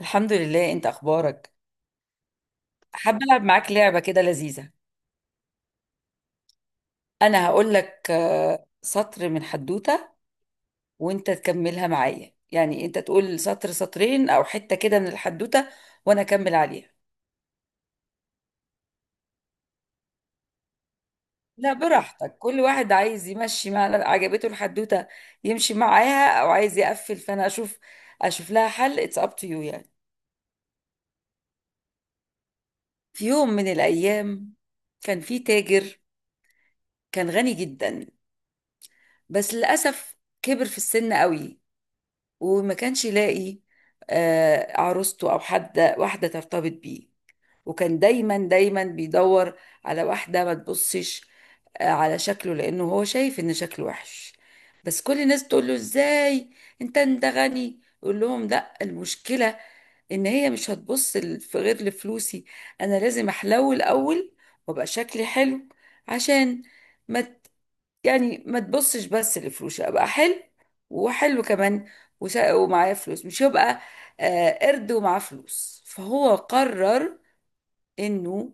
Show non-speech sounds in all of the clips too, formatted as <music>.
الحمد لله، انت اخبارك؟ حابه العب معاك لعبه كده لذيذه. انا هقول لك سطر من حدوته، وانت تكملها معايا، يعني انت تقول سطر سطرين او حته كده من الحدوته وانا اكمل عليها. لا، براحتك. كل واحد عايز يمشي مع عجبته الحدوته يمشي معاها، او عايز يقفل فانا اشوف لها حل، اتس اب تو يو يعني. في يوم من الايام كان في تاجر، كان غني جدا، بس للاسف كبر في السن قوي، وما كانش يلاقي عروسته او حد، واحده ترتبط بيه. وكان دايما دايما بيدور على واحده ما تبصش على شكله، لانه هو شايف ان شكله وحش. بس كل الناس تقول له: ازاي انت غني؟ يقول لهم: لا، المشكله ان هي مش هتبص في غير لفلوسي، انا لازم احلو الاول وابقى شكلي حلو، عشان ما يعني ما تبصش بس لفلوسي، ابقى حلو وحلو كمان ومعايا فلوس، مش يبقى قرد ومعاه فلوس. فهو قرر انه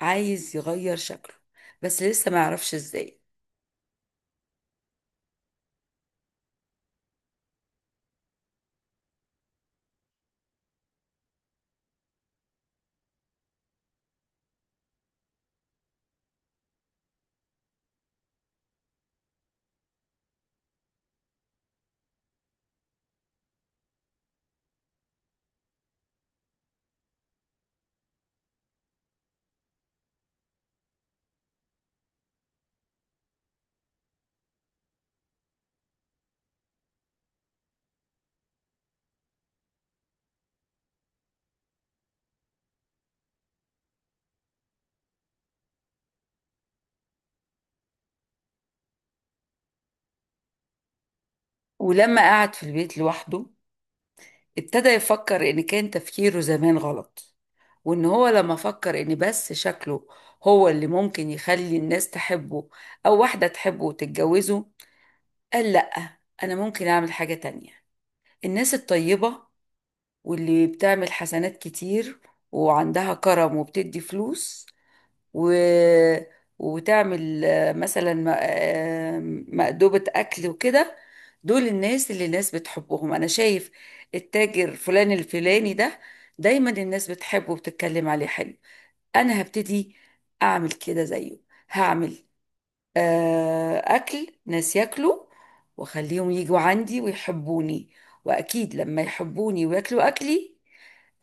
عايز يغير شكله، بس لسه ما يعرفش ازاي. ولما قعد في البيت لوحده ابتدى يفكر ان كان تفكيره زمان غلط، وان هو لما فكر ان بس شكله هو اللي ممكن يخلي الناس تحبه او واحدة تحبه وتتجوزه، قال: لأ، انا ممكن اعمل حاجة تانية. الناس الطيبة واللي بتعمل حسنات كتير وعندها كرم وبتدي فلوس و... وتعمل مثلا مأدبة أكل وكده. دول الناس اللي الناس بتحبهم. أنا شايف التاجر فلان الفلاني ده دايما الناس بتحبه وبتتكلم عليه حلو. أنا هبتدي أعمل كده زيه، هعمل أكل ناس ياكلوا وأخليهم يجوا عندي ويحبوني، وأكيد لما يحبوني وياكلوا أكلي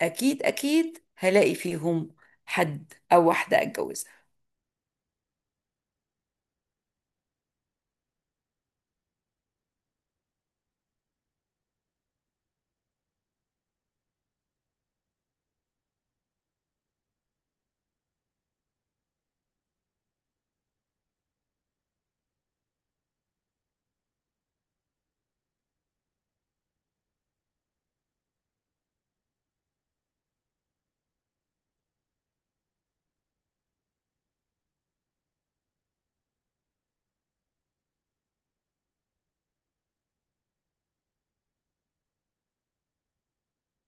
أكيد أكيد هلاقي فيهم حد أو واحدة أتجوزها.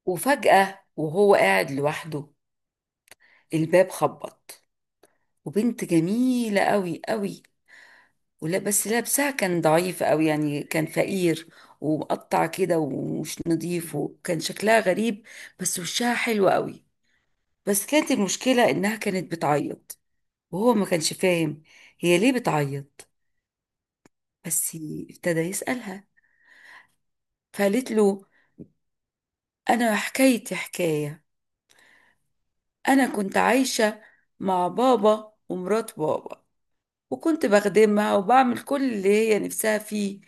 وفجأة وهو قاعد لوحده، الباب خبط، وبنت جميلة قوي قوي، ولا بس لابسها كان ضعيف قوي، يعني كان فقير ومقطع كده ومش نظيف، وكان شكلها غريب بس وشها حلو قوي. بس كانت المشكلة إنها كانت بتعيط، وهو ما كانش فاهم هي ليه بتعيط. بس ابتدى يسألها، فقالت له: أنا حكايتي حكاية، أنا كنت عايشة مع بابا ومرات بابا، وكنت بخدمها وبعمل كل اللي هي نفسها فيه،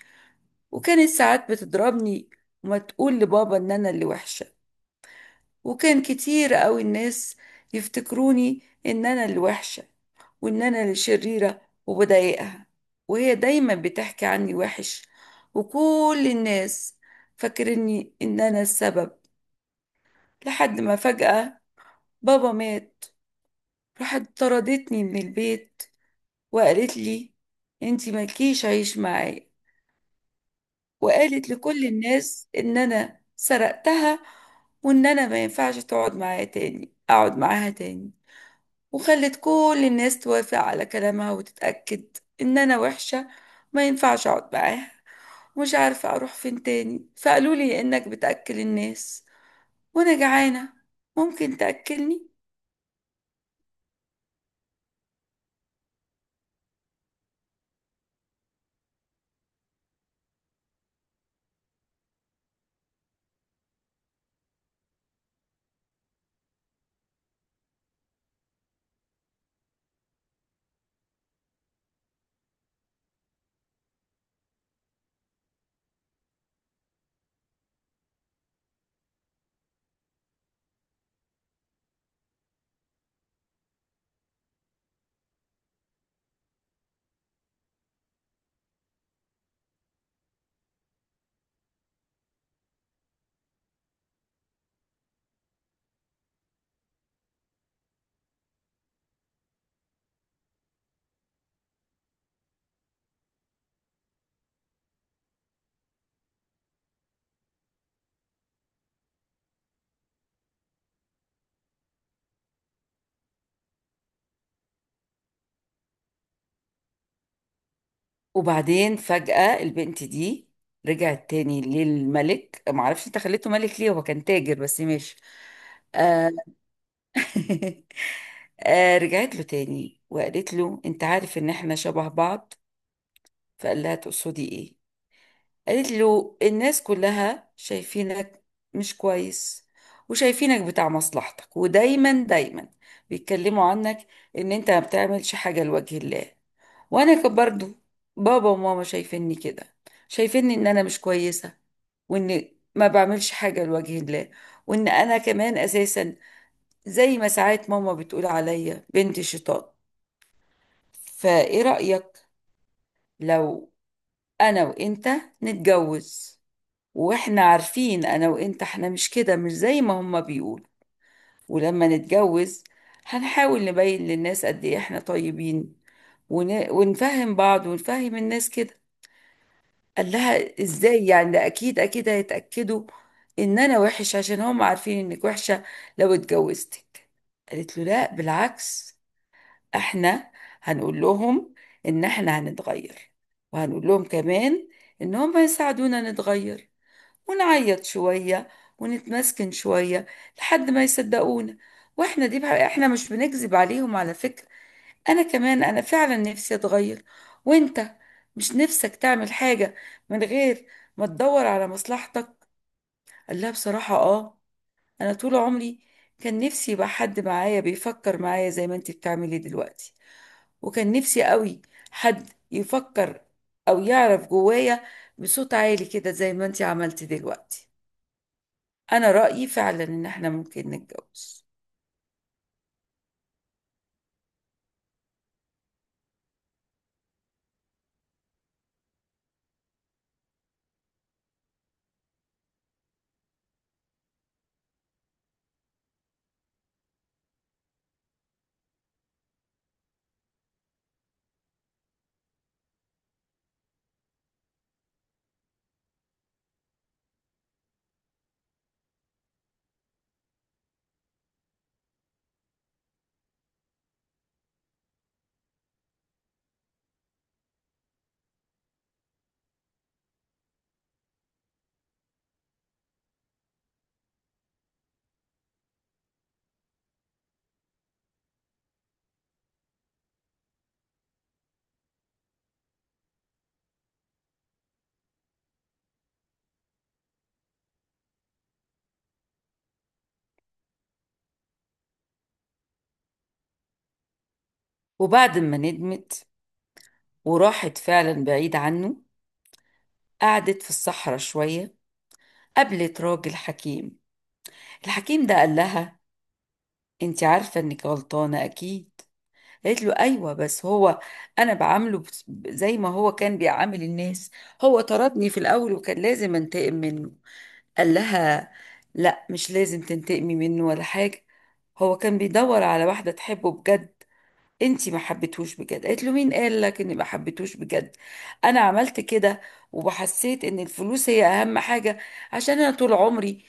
وكانت ساعات بتضربني وما تقول لبابا إن أنا اللي وحشة. وكان كتير قوي الناس يفتكروني ان انا الوحشة وان انا الشريرة وبضايقها، وهي دايما بتحكي عني وحش، وكل الناس فاكرني ان انا السبب. لحد ما فجأة بابا مات، راحت طردتني من البيت وقالت لي: انتي مالكيش عيش معايا. وقالت لكل الناس ان انا سرقتها وان انا ما ينفعش تقعد معايا تاني اقعد معاها تاني. وخلت كل الناس توافق على كلامها وتتأكد إن أنا وحشة، ما ينفعش أقعد معاها. ومش عارفة أروح فين تاني، فقالوا لي إنك بتأكل الناس، وأنا جعانة ممكن تأكلني. وبعدين فجأة البنت دي رجعت تاني للملك، معرفش انت خليته ملك ليه، هو كان تاجر بس ماشي. آه. <laughs> آه، رجعت له تاني وقالت له: انت عارف ان احنا شبه بعض؟ فقال لها: تقصدي ايه؟ قالت له: الناس كلها شايفينك مش كويس، وشايفينك بتاع مصلحتك، ودايما دايما بيتكلموا عنك ان انت ما بتعملش حاجة لوجه الله. وانا كان برضو بابا وماما شايفيني كده، شايفيني ان انا مش كويسة وان ما بعملش حاجة لوجه الله، وان انا كمان اساسا زي ما ساعات ماما بتقول عليا بنت شيطان. فايه رأيك لو انا وانت نتجوز، واحنا عارفين انا وانت احنا مش كده، مش زي ما هما بيقولوا. ولما نتجوز هنحاول نبين للناس قد ايه احنا طيبين، ونفهم بعض ونفهم الناس كده. قال لها: ازاي يعني؟ ده اكيد اكيد هيتأكدوا ان انا وحش عشان هم عارفين انك وحشة لو اتجوزتك. قالت له: لا بالعكس، احنا هنقول لهم ان احنا هنتغير، وهنقول لهم كمان ان هم يساعدونا نتغير، ونعيط شوية ونتمسكن شوية لحد ما يصدقونا. واحنا دي بقى احنا مش بنكذب عليهم على فكرة، انا كمان انا فعلا نفسي اتغير. وانت مش نفسك تعمل حاجة من غير ما تدور على مصلحتك؟ قال لها: بصراحة اه، انا طول عمري كان نفسي يبقى حد معايا بيفكر معايا زي ما انت بتعملي دلوقتي، وكان نفسي قوي حد يفكر او يعرف جوايا بصوت عالي كده زي ما انت عملتي دلوقتي. انا رأيي فعلا ان احنا ممكن نتجوز. وبعد ما ندمت وراحت فعلا بعيد عنه، قعدت في الصحراء شوية، قابلت راجل حكيم. الحكيم ده قال لها: انت عارفة انك غلطانة اكيد. قالت له: ايوه، بس هو انا بعامله زي ما هو كان بيعامل الناس. هو طردني في الاول وكان لازم انتقم منه. قال لها: لا، مش لازم تنتقمي منه ولا حاجة. هو كان بيدور على واحدة تحبه بجد، انتي ما حبيتهوش بجد. قالت له: مين قال لك اني ما حبيتهوش بجد؟ انا عملت كده وحسيت ان الفلوس هي اهم حاجة، عشان انا طول عمري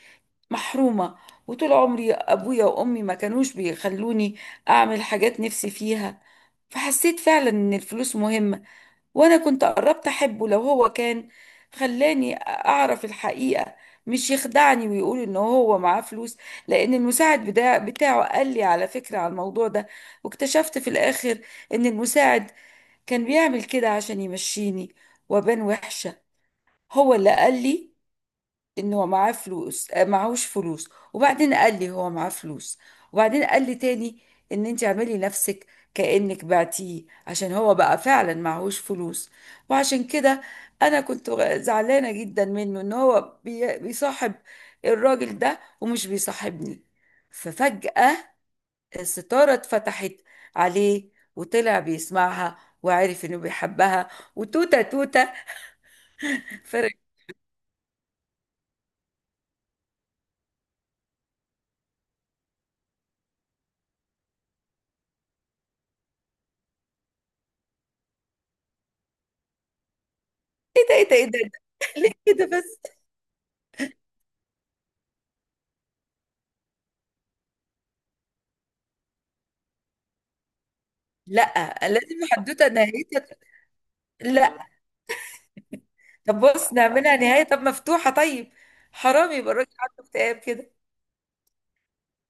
محرومة، وطول عمري ابويا وامي ما كانوش بيخلوني اعمل حاجات نفسي فيها، فحسيت فعلا ان الفلوس مهمة. وانا كنت قربت احبه لو هو كان خلاني اعرف الحقيقة، مش يخدعني ويقول ان هو معاه فلوس. لان المساعد بتاعه قال لي على فكرة على الموضوع ده. واكتشفت في الاخر ان المساعد كان بيعمل كده عشان يمشيني وابان وحشة. هو اللي قال لي ان هو معاه فلوس، معهوش فلوس، وبعدين قال لي هو معاه فلوس، وبعدين قال لي تاني ان انت اعملي نفسك كأنك بعتيه عشان هو بقى فعلا معهوش فلوس. وعشان كده انا كنت زعلانة جدا منه، ان هو بيصاحب الراجل ده ومش بيصاحبني. ففجأة الستارة اتفتحت عليه وطلع بيسمعها وعرف انه بيحبها، وتوتة توتة فرق. ايه ده، ايه ده، إيه ده؟ إيه ده؟ بس. لا، لازم حدوته نهايتها. لا. طب بص نعملها نهايه طب مفتوحه طيب، حرام يبقى الراجل عنده اكتئاب كده.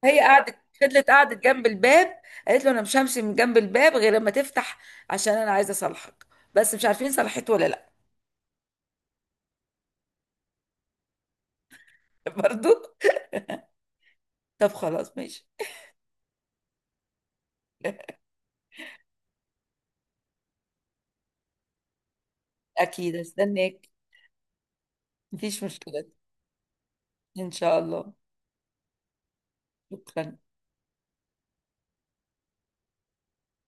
هي فضلت قعدت جنب الباب، قالت له: انا مش همشي من جنب الباب غير لما تفتح، عشان انا عايزه اصالحك. بس مش عارفين صلحته ولا لا. <laughs> برضو. طب خلاص ماشي. اكيد استناك. مفيش مشكله. ان شاء الله. شكرا.